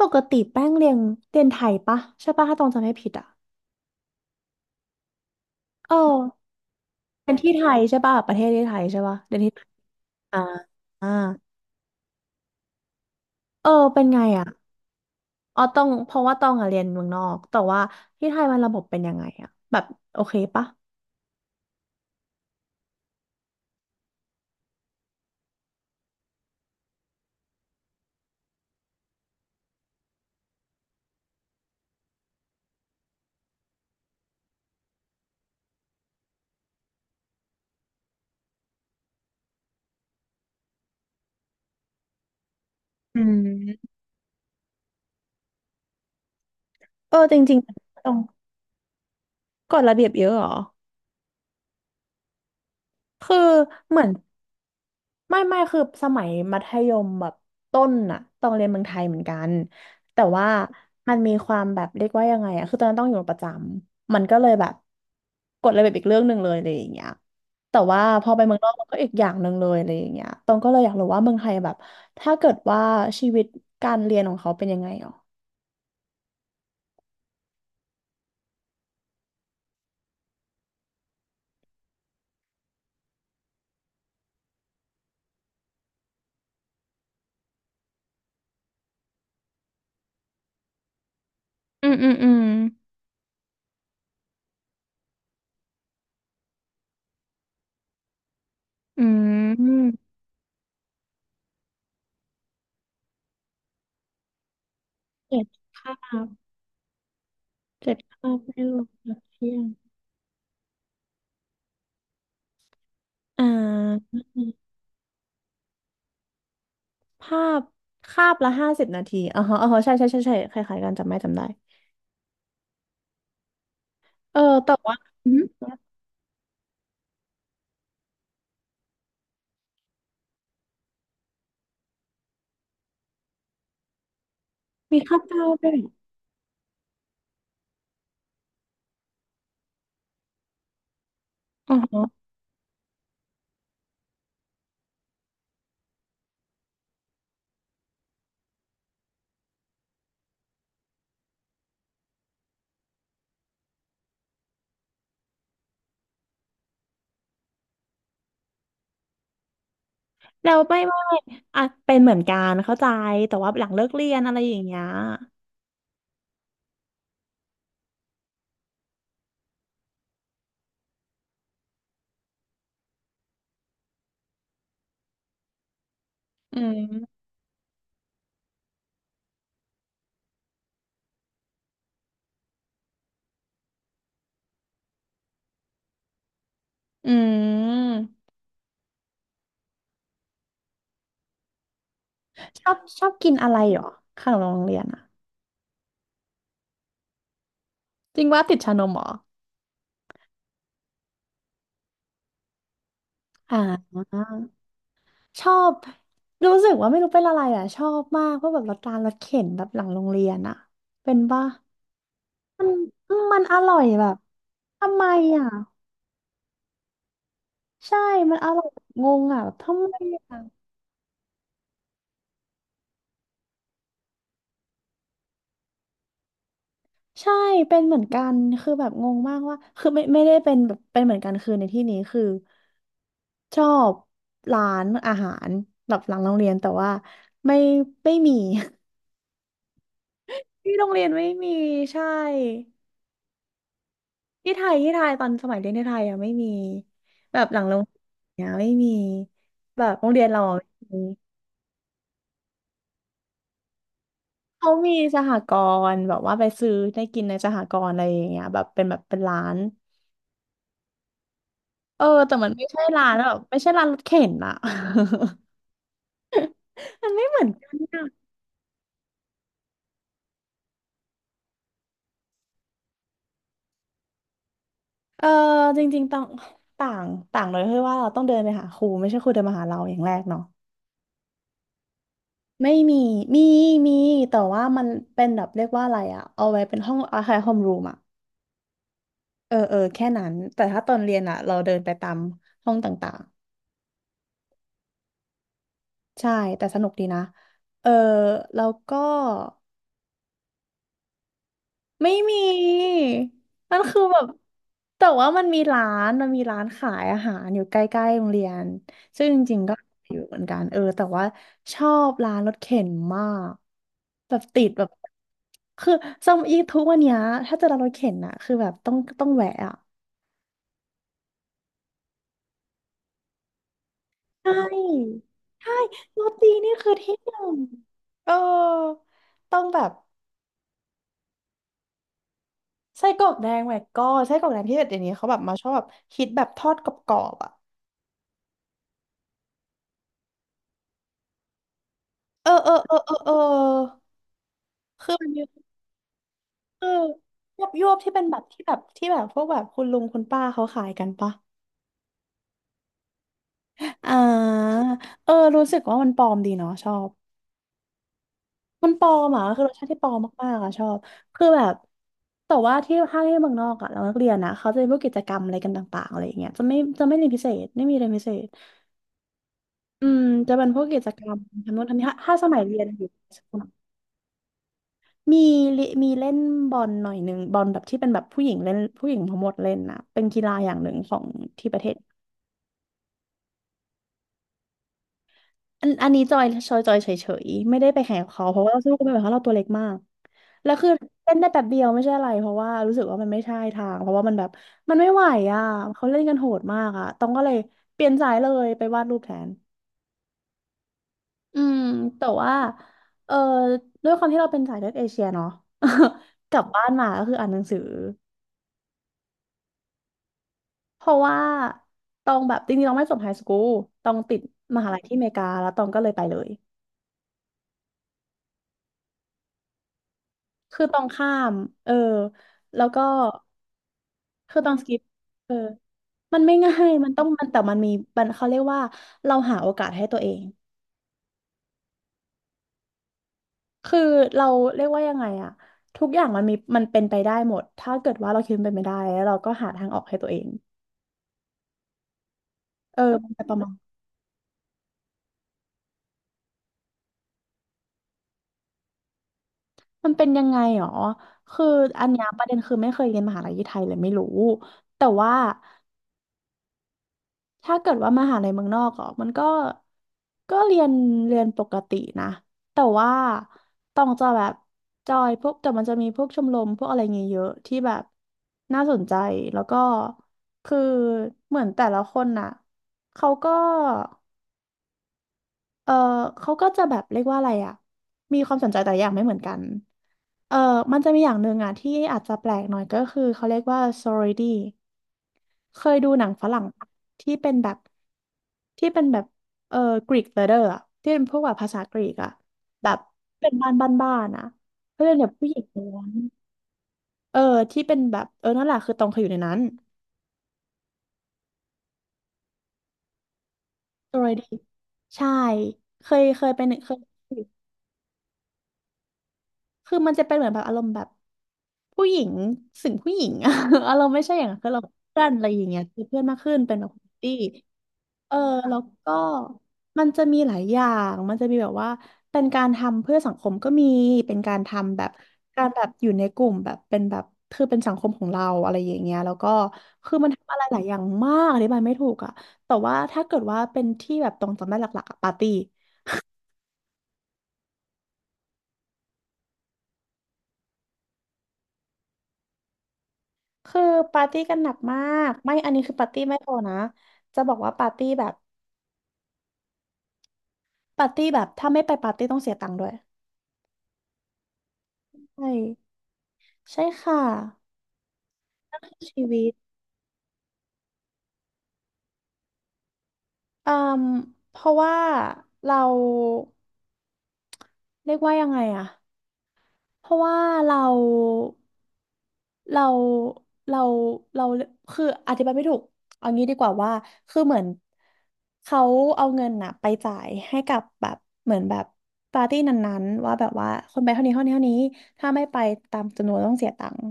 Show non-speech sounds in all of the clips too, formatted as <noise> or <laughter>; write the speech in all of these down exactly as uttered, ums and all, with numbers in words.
ปกติแป้งเรียนเรียนไทยปะใช่ปะถ้าตองจำไม่ผิดอ่ะเออเรียนที่ไทยใช่ปะประเทศที่ไทยใช่ปะเรียนที่อ่าอ่าเออเป็นไงอ่ะอ๋อต้องเพราะว่าตองอ่ะเรียนเมืองนอกแต่ว่าที่ไทยมันระบบเป็นยังไงอ่ะแบบโอเคปะอืมเออจริงๆตรงกฎระเบียบเยอะเหรอคือเหมือน ไม่ไม่คือสมัยมัธยมแบบต้นอะต้องเรียนเมืองไทยเหมือนกันแต่ว่ามันมีความแบบเรียกว่ายังไงอะคือตอนนั้นต้องอยู่ประจำมันก็เลยแบบกฎระเบียบอีกเรื่องหนึ่งเลยอะไรอย่างเงี้ยแต่ว่าพอไปเมืองนอกมันก็อีกอย่างหนึ่งเลยอะไรอย่างเงี้ยตองก็เลยอยากรู้ว่าเมืองไทยแบบถ้าเกิดว่าชีวิตการเรียนของเขาเป็นยังไงหรออืมภาพเจ็ดภาพไม่ลงพากเที่ยงอ่าภาพคาบละห้าสิบนาทีอ๋อฮะอ๋อฮะใช่ใช่ใช่ใช่คล้ายๆกันจำไม่จำได้ เออแต่ว่าอืมมีข้าวเจ้าด้วยอ๋อฮะแล้วไม่ไม่ไม่อ่ะเป็นเหมือนกันเข้าใจแต่ว่าหลังเลิกเรียนอะไรอย่างเงี้ยอืมอืมชอบชอบกินอะไรเหรอขนมโรงเรียนอะจริงว่าติดชานมเหรออ่าชอบรู้สึกว่าไม่รู้เป็นอะไรอ่ะชอบมากเพราะแบบรถการรถเข็นแบบหลังโรงเรียนอ่ะเป็นป่ะมันมันอร่อยแบบทำไมอ่ะใช่มันอร่อยแบบงงอ่ะแบบทำไมอ่ะ ใช่เป็นเหมือนกันคือแบบงงมากว่าคือไม่ไม่ได้เป็นแบบเป็นเหมือนกันคือในที่นี้คือชอบร้านอาหารแบบหลังโรงเรียนแต่ว่าไม่ไม่มี <laughs> ที่โรงเรียนไม่มีใช่ที่ไทยที่ไทยตอนสมัยเรียนที่ไทยอ่ะไม่มีแบบหลังโรงเรียนเนี่ยไม่มีแบบโรงเรียนเราอะไม่มีเขามีสหกรณ์แบบว่าไปซื้อได้กินในสหกรณ์อะไรอย่างเงี้ยแบบเป็นแบบเป็นร้านเออแต่มันไม่ใช่ร้านแบบไม่ใช่ร้านรถเข็นอะ <laughs> มันไม่เหมือนกันอะเออจริงๆต่างต่างต่างเลยคือว่าเราต้องเดินไปหาครูไม่ใช่ครูเดินมาหาเราอย่างแรกเนาะไม่มีมีมีแต่ว่ามันเป็นแบบเรียกว่าอะไรอะเอาไว้เป็นห้องอาคารโฮมรูมอะเออเออแค่นั้นแต่ถ้าตอนเรียนอะเราเดินไปตามห้องต่างๆใช่แต่สนุกดีนะเออแล้วก็ ไม่มีมันคือแบบแต่ว่ามันมีร้านมันมีร้านขายอาหารอยู่ใกล้ๆโรงเรียนซึ่งจริงๆก็อยู่เหมือนกันเออแต่ว่าชอบร้านรถเข็นมากแบบติดแบบคือสมัยทุกวันเนี้ยถ้าจะร้านรถเข็นอะคือแบบต้องต้องแวะอะใช่ใช่โรตีนี่คือที่หนึ่งเออต้องแบบไส้กรอกแดงแหวกก้อนไส้กรอกแดงที่แบบเดี๋ยวนี้เขาแบบมาชอบแบบคิดแบบทอดกรอบๆอะ เออเออเออเออเออคือมันมีเออยวบยวบที่เป็นแบบที่แบบที่แบบพวกแบบคุณลุงคุณป้าเขาขายกันปะ <laughs> อ่าเออรู้สึกว่ามันปลอมดีเนาะชอบมันปลอมอ่ะคือรสชาติที่ปลอมมากๆอ่ะชอบคือแบบแต่ว่าที่ถ้าที่เมืองนอกอ่ะเรานักเรียนนะเขาจะมีพวกกิจกรรมอะไรกันต่างๆอะไรอย่างเงี้ยจะไม่จะไม่เรียนพิเศษไม่มีเรียนพิเศษอืมจะเป็นพวกกิจกรรมทำโน้นทำนี่ถ้าถ้าสมัยเรียนอยู่ <laughs> มีลิมีเล่นบอลหน่อยหนึ่งบอลแบบที่เป็นแบบผู้หญิงเล่นผู้หญิงทั้งหมดเล่นนะเป็นกีฬาอย่างหนึ่งของที่ประเทศอันอันนี้จอยจอยจอยเฉยๆไม่ได้ไปแข่งกับเขาเพราะว่าเราสู้กันไม่ไหวเพราะเราตัวเล็กมากแล้วคือเล่นได้แป๊บเดียวไม่ใช่อะไรเพราะว่ารู้สึกว่ามันไม่ใช่ทางเพราะว่ามันแบบมันไม่ไหวอ่ะเขาเล่นกันโหดมากอ่ะต้องก็เลยเปลี่ยนสายเลยไปวาดรูปแทนอืมแต่ว่าเออด้วยความที่เราเป็นสายเลือดเอเชียเนาะ <laughs> กลับบ้านมาก็คืออ่านหนังสือ เพราะว่าตองแบบจริงๆตองไม่จบไฮสคูลตองติดมหาลัยที่อเมริกาแล้วตองก็เลยไปเลยคือตองข้ามเออแล้วก็คือตองสกิปเออมันไม่ง่ายมันต้องมันแต่มันมีมันเขาเรียกว่าเราหาโอกาสให้ตัวเองคือเราเรียกว่ายังไงอะทุกอย่างมันมีมันเป็นไปได้หมดถ้าเกิดว่าเราคิดมันเป็นไปได้แล้วเราก็หาทางออกให้ตัวเองเออมันจะประมาณมันเป็นยังไงหรอคืออันเนี้ยประเด็นคือไม่เคยเรียนมหาลัยที่ไทยเลยไม่รู้แต่ว่า ถ้าเกิดว่ามหาลัยเมืองนอกอ่ะมันก็ก็เรียนเรียนปกตินะแต่ว่าต้องจะแบบจอยพวกแต่มันจะมีพวกชมรมพวกอะไรเงี้ยเยอะที่แบบน่าสนใจแล้วก็คือเหมือนแต่ละคนน่ะเขาก็เออเขาก็จะแบบเรียกว่าอะไรอ่ะมีความสนใจแต่ละอย่างไม่เหมือนกัน เออมันจะมีอย่างหนึ่งอ่ะที่อาจจะแปลกหน่อยก็คือเขาเรียกว่า sorority เคยดูหนังฝรั่งปะที่เป็นแบบที่เป็นแบบเออกรีกเลเดอร์อะที่เป็นพวกแบบภาษากรีกอะแบบเป็นบ้านบ้านบ้านะก็เป็นแบบผู้หญิงล้วนเออที่เป็นแบบเออนั่นแหละคือตรงเคยอยู่ในนั้น sorority ใช่เคยเคยเป็นเคย คือมันจะเป็นเหมือนแบบอารมณ์แบบผู้หญิงสิ่งผู้หญิงอะ <laughs> อารมณ์ไม่ใช่อย่างนั้นคือเราเพื่อนอะไรอย่างเงี้ยคือเพื่อนมากขึ้นเป็นแบบคอมมูนิตี้เออแล้วก็มันจะมีหลายอย่างมันจะมีแบบว่าเป็นการทำเพื่อสังคมก็มีเป็นการทำแบบการแบบอยู่ในกลุ่มแบบเป็นแบบคือเป็นสังคมของเราอะไรอย่างเงี้ยแล้วก็คือมันทำอะไรหลายอย่างมากอธิบายไม่ถูกอะแต่ว่าถ้าเกิดว่าเป็นที่แบบตรงจำได้หลักๆอะปาร์ตี้ คือปาร์ตี้กันหนักมากไม่อันนี้คือปาร์ตี้ไม่พอนะจะบอกว่าปาร์ตี้แบบปาร์ตี้แบบถ้าไม่ไปปาร์ตี้ต้องเสียตังค์ด้วยใช่ใช่ค่ะนั่นคือชีวิตอืมเพราะว่าเราเรียกว่ายังไงอะเพราะว่าเรา เราเราเราคืออธิบายไม่ถูกเอางี้ดีกว่าว่าคือเหมือนเขาเอาเงินน่ะไปจ่ายให้กับแบบเหมือนแบบปาร์ตี้นั้นๆว่าแบบว่าคนไปเท่านี้เท่านี้เท่านี้ถ้าไม่ไปตามจำนวนต้องเสียตังค์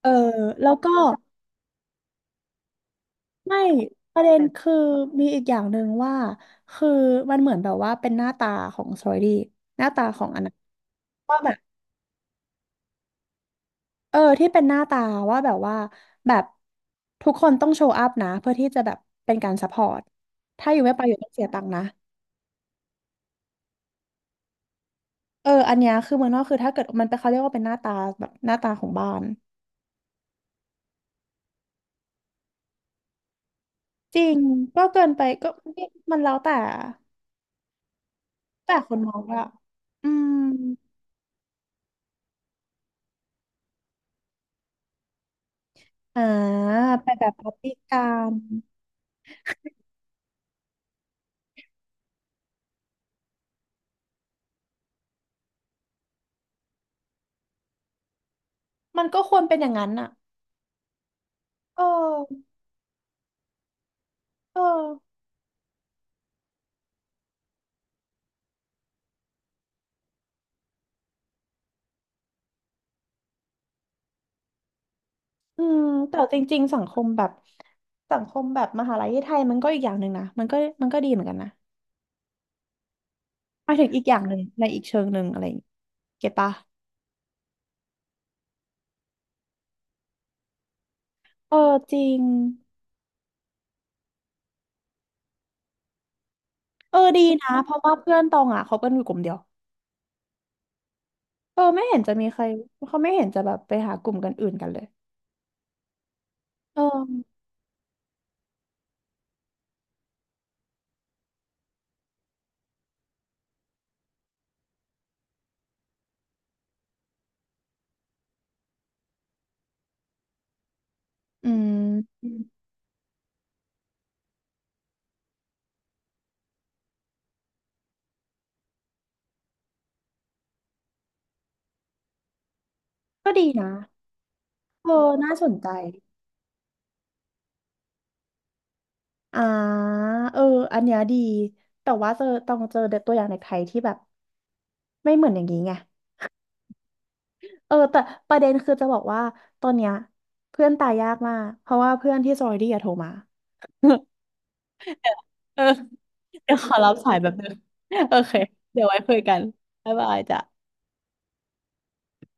เออแล้วก็ไม่ประเด็นคือมีอีกอย่างหนึ่งว่าคือมันเหมือนแบบว่าเป็นหน้าตาของซอยดีหน้าตาของอันนั้นว่าแบบ เออที่เป็นหน้าตาว่าแบบว่าแบบทุกคนต้องโชว์อัพนะเพื่อที่จะแบบเป็นการซัพพอร์ตถ้าอยู่ไม่ไปอยู่ต้องเสียตังค์นะเอออันเนี้ยคือเมืองนอกคือถ้าเกิดมันเป็นเขาเรียกว่าเป็นหน้าตาแบบหน้าตาของบ้านจริงก็เกินไปก็มันแล้วแต่แต่คนมองอะอืมอ่าไปแบบปาร์ตี้กันมันก็ควรเป็นอย่างนั้นอะเออเอออืมแต่จริงๆสังคมแบบสังคมแบบมหาลัยที่ไทยมันก็อีกอย่างหนึ่งนะมันก็มันก็ดีเหมือนกันนะ หมายถึงอีกอย่างหนึ่งในอีกเชิงหนึ่งอะไรอย่างงี้เก็ตปะเออจริงเออดีนะเพราะว่าเพื่อนตองอ่ะเขาเป็นอยู่กลุ่มเดียวเออไม่เห็นจะมีใครเขาไม่เห็นจะแบบไปหากลุ่มกันอื่นกันเลยเอออืมก็ดีนะเออน่าสนใจอ่าเอออันเนี้ยดีแต่ว่าเจอต้องเจอตัวอย่างในไทยที่แบบไม่เหมือนอย่างนี้ไงเออแต่ประเด็นคือจะบอกว่าตอนเนี้ยเพื่อนตายยากมากเพราะว่าเพื่อนที่ซอยดี้อะโทรมา เออเดี๋ยวขอรับสายแบบนึงโอเคเดี๋ยวไว้คุยกันบ๊ายบายจ้ะ